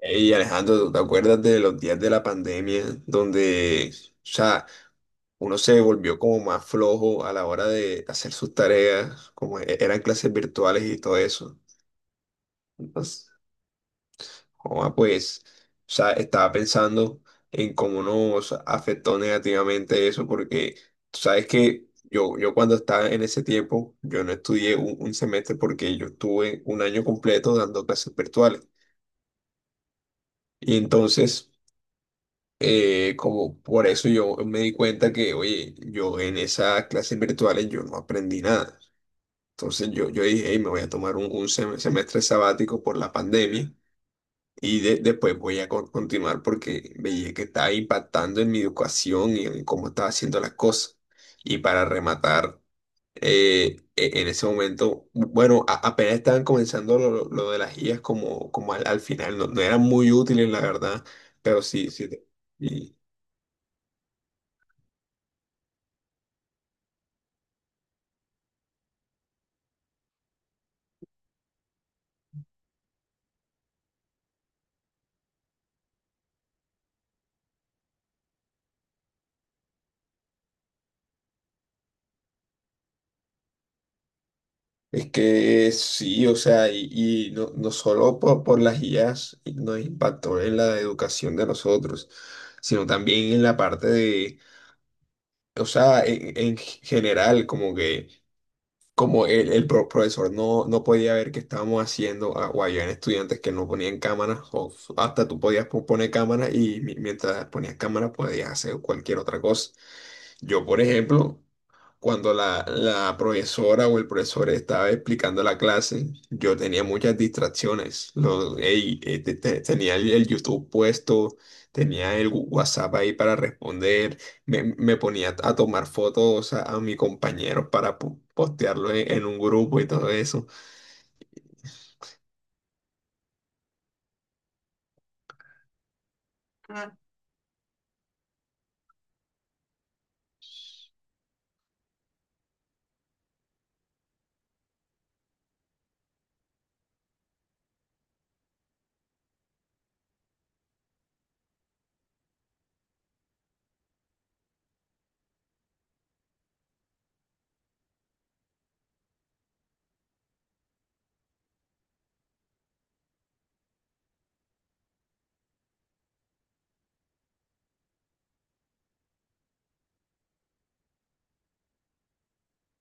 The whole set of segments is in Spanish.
Hey Alejandro, ¿tú te acuerdas de los días de la pandemia donde, o sea, uno se volvió como más flojo a la hora de hacer sus tareas, como eran clases virtuales y todo eso? Entonces, joda, pues, o sea, estaba pensando en cómo nos afectó negativamente eso, porque tú sabes que yo cuando estaba en ese tiempo, yo no estudié un semestre porque yo estuve un año completo dando clases virtuales. Y entonces... Como por eso yo me di cuenta que, oye, yo en esas clases virtuales yo no aprendí nada. Entonces yo dije, "Ey, me voy a tomar un semestre sabático por la pandemia y después voy a continuar porque veía que estaba impactando en mi educación y en cómo estaba haciendo las cosas. Y para rematar, en ese momento, bueno, apenas estaban comenzando lo de las guías como, como al final, no eran muy útiles, la verdad, pero sí, sí. Es que sí, o sea, y no solo por las IAs nos impactó en la educación de nosotros, sino también en la parte de, o sea, en general, como que como el profesor no podía ver qué estábamos haciendo, o había estudiantes que no ponían cámaras, o hasta tú podías poner cámaras y mientras ponías cámaras podías hacer cualquier otra cosa. Yo, por ejemplo, cuando la profesora o el profesor estaba explicando la clase, yo tenía muchas distracciones. Tenía el YouTube puesto, tenía el WhatsApp ahí para responder, me ponía a tomar fotos a mis compañeros para postearlo en un grupo y todo eso.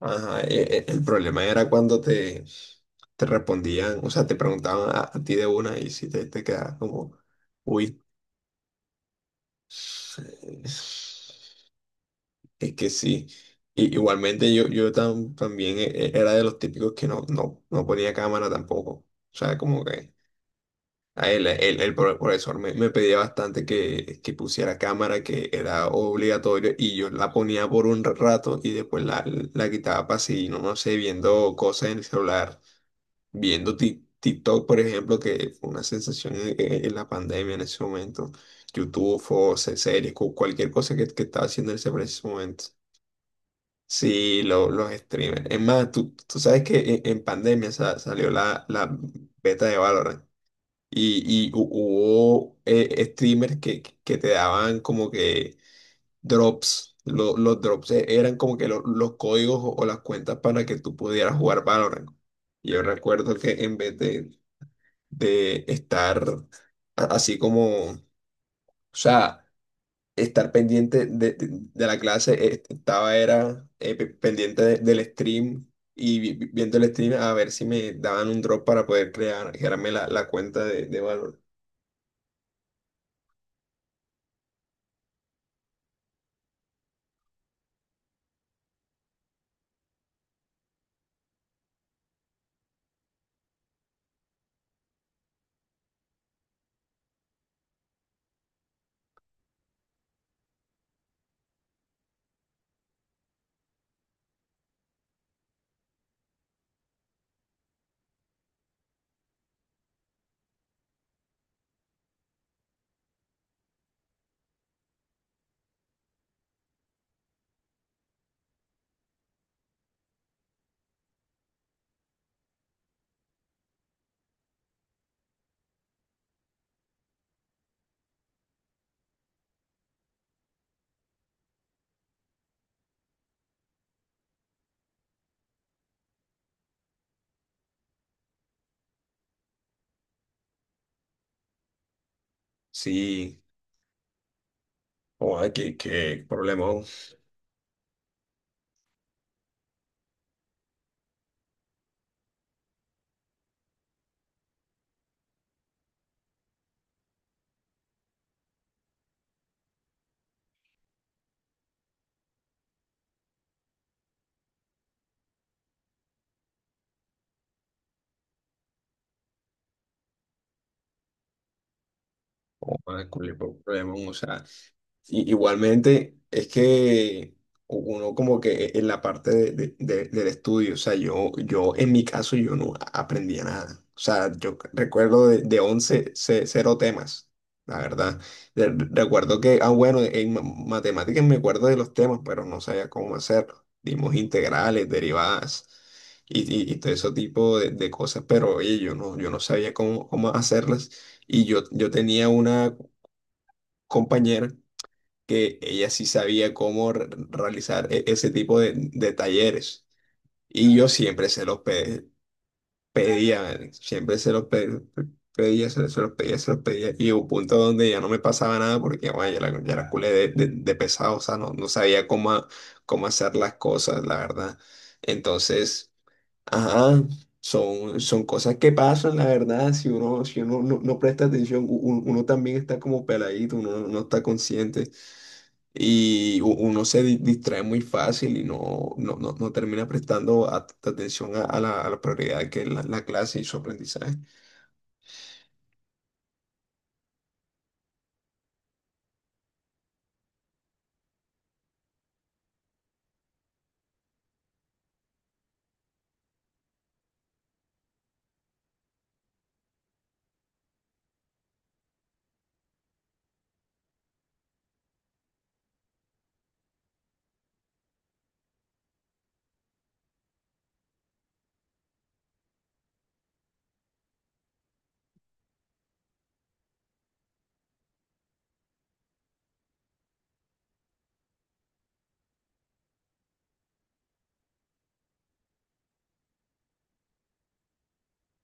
Ajá, el problema era cuando te respondían, o sea, te preguntaban a ti de una y si te quedabas como... Uy, Es es que sí. Igualmente yo, yo también era de los típicos que no ponía cámara tampoco. O sea, como que el profesor me pedía bastante que pusiera cámara, que era obligatorio, y yo la ponía por un rato y después la quitaba para seguir, no sé, viendo cosas en el celular, viendo TikTok, por ejemplo, que fue una sensación en la pandemia en ese momento, YouTube, o series, cualquier cosa que estaba haciendo en ese preciso momento. Sí, los streamers. Es más, tú sabes que en pandemia salió la beta de Valorant y, y hubo streamers que te daban como que drops. Los drops eran como que los códigos o las cuentas para que tú pudieras jugar Valorant. Yo recuerdo que en vez de estar así como, o sea, estar pendiente de, de la clase, estaba era pendiente del stream y viendo el stream a ver si me daban un drop para poder crear, crearme la cuenta de Valor. Sí, o que qué problema, o sea. Y, igualmente, es que uno como que e, en la parte del estudio, o sea, yo en mi caso yo no aprendía nada. O sea, yo recuerdo de 11, cero temas, la verdad. Recuerdo que, ah, bueno, en matemáticas me acuerdo de los temas, pero no sabía cómo hacerlo. Dimos integrales, derivadas y, y todo ese tipo de cosas, pero oye, yo no sabía cómo, cómo hacerlas. Y yo tenía una compañera que ella sí sabía cómo realizar ese tipo de talleres. Y yo siempre se los pedía, man, siempre se los pedía, se los pedía, se los pedía. Y hubo un punto donde ya no me pasaba nada porque, bueno, ya la culé de, de pesado, o sea, no sabía cómo, cómo hacer las cosas, la verdad. Entonces, ajá. Son cosas que pasan, la verdad, si uno, si uno no presta atención, uno, también está como peladito, uno no está consciente y uno se distrae muy fácil y no termina prestando atención a la prioridad que es la clase y su aprendizaje.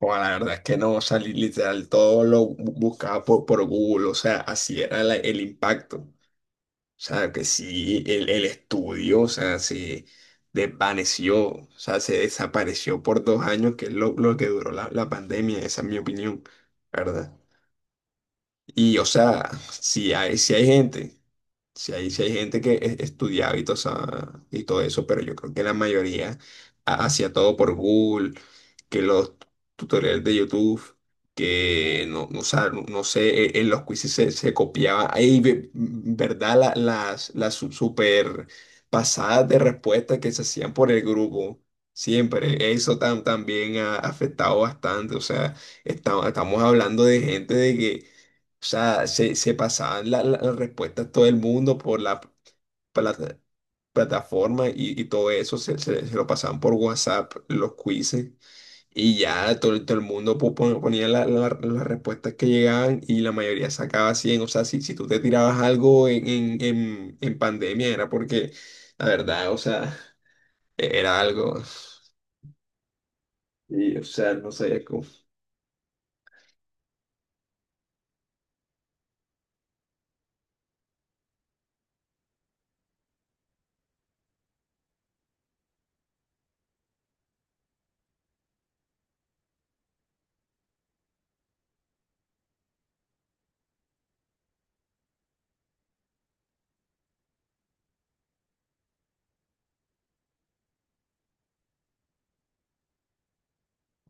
O la verdad es que no, salí literal, todo lo buscaba por Google, o sea, así era el impacto. O sea, que sí, el estudio, o sea, se desvaneció, o sea, se desapareció por dos años, que es lo que duró la pandemia, esa es mi opinión, ¿verdad? Y, o sea, si hay, si hay gente. Si hay, si hay gente que estudiaba y todo, y todo eso, pero yo creo que la mayoría hacía todo por Google, que los tutoriales de YouTube, que no sé, en los quizzes se copiaba. Hay, ¿verdad? Las super pasadas de respuestas que se hacían por el grupo. Siempre, eso también ha afectado bastante. O sea, estamos hablando de gente de que, o sea, se pasaban las respuestas todo el mundo por la, por plataforma y todo eso, se lo pasaban por WhatsApp, los quizzes, y ya todo el mundo ponía las respuestas que llegaban y la mayoría sacaba 100. O sea, si tú te tirabas algo en pandemia era porque, la verdad, o sea, era algo, y, o sea, no sé.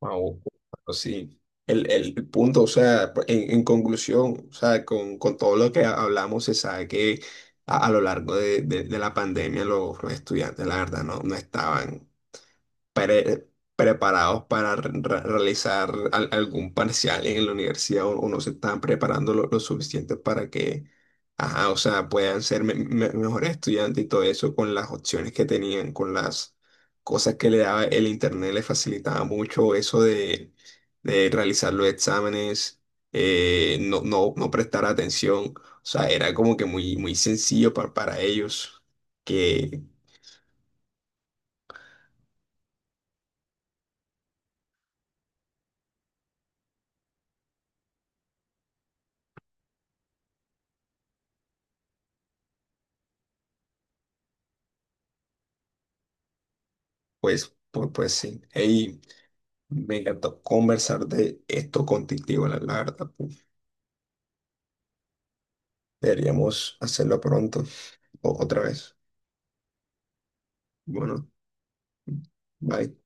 Wow, sí. El, el punto, o sea, en conclusión, o sea, con todo lo que hablamos, se sabe que a lo largo de, de la pandemia los estudiantes, la verdad, no estaban pre- preparados para realizar algún parcial en la universidad o no se están preparando lo suficiente para que, ajá, o sea, puedan ser mejores estudiantes y todo eso con las opciones que tenían, con las cosas que le daba el internet, le facilitaba mucho eso de realizar los exámenes, no prestar atención, o sea, era como que muy sencillo para ellos que, pues, pues sí. Ey, me encantó conversar de esto contigo, la verdad. Pu. Deberíamos hacerlo pronto o otra vez. Bueno, bye.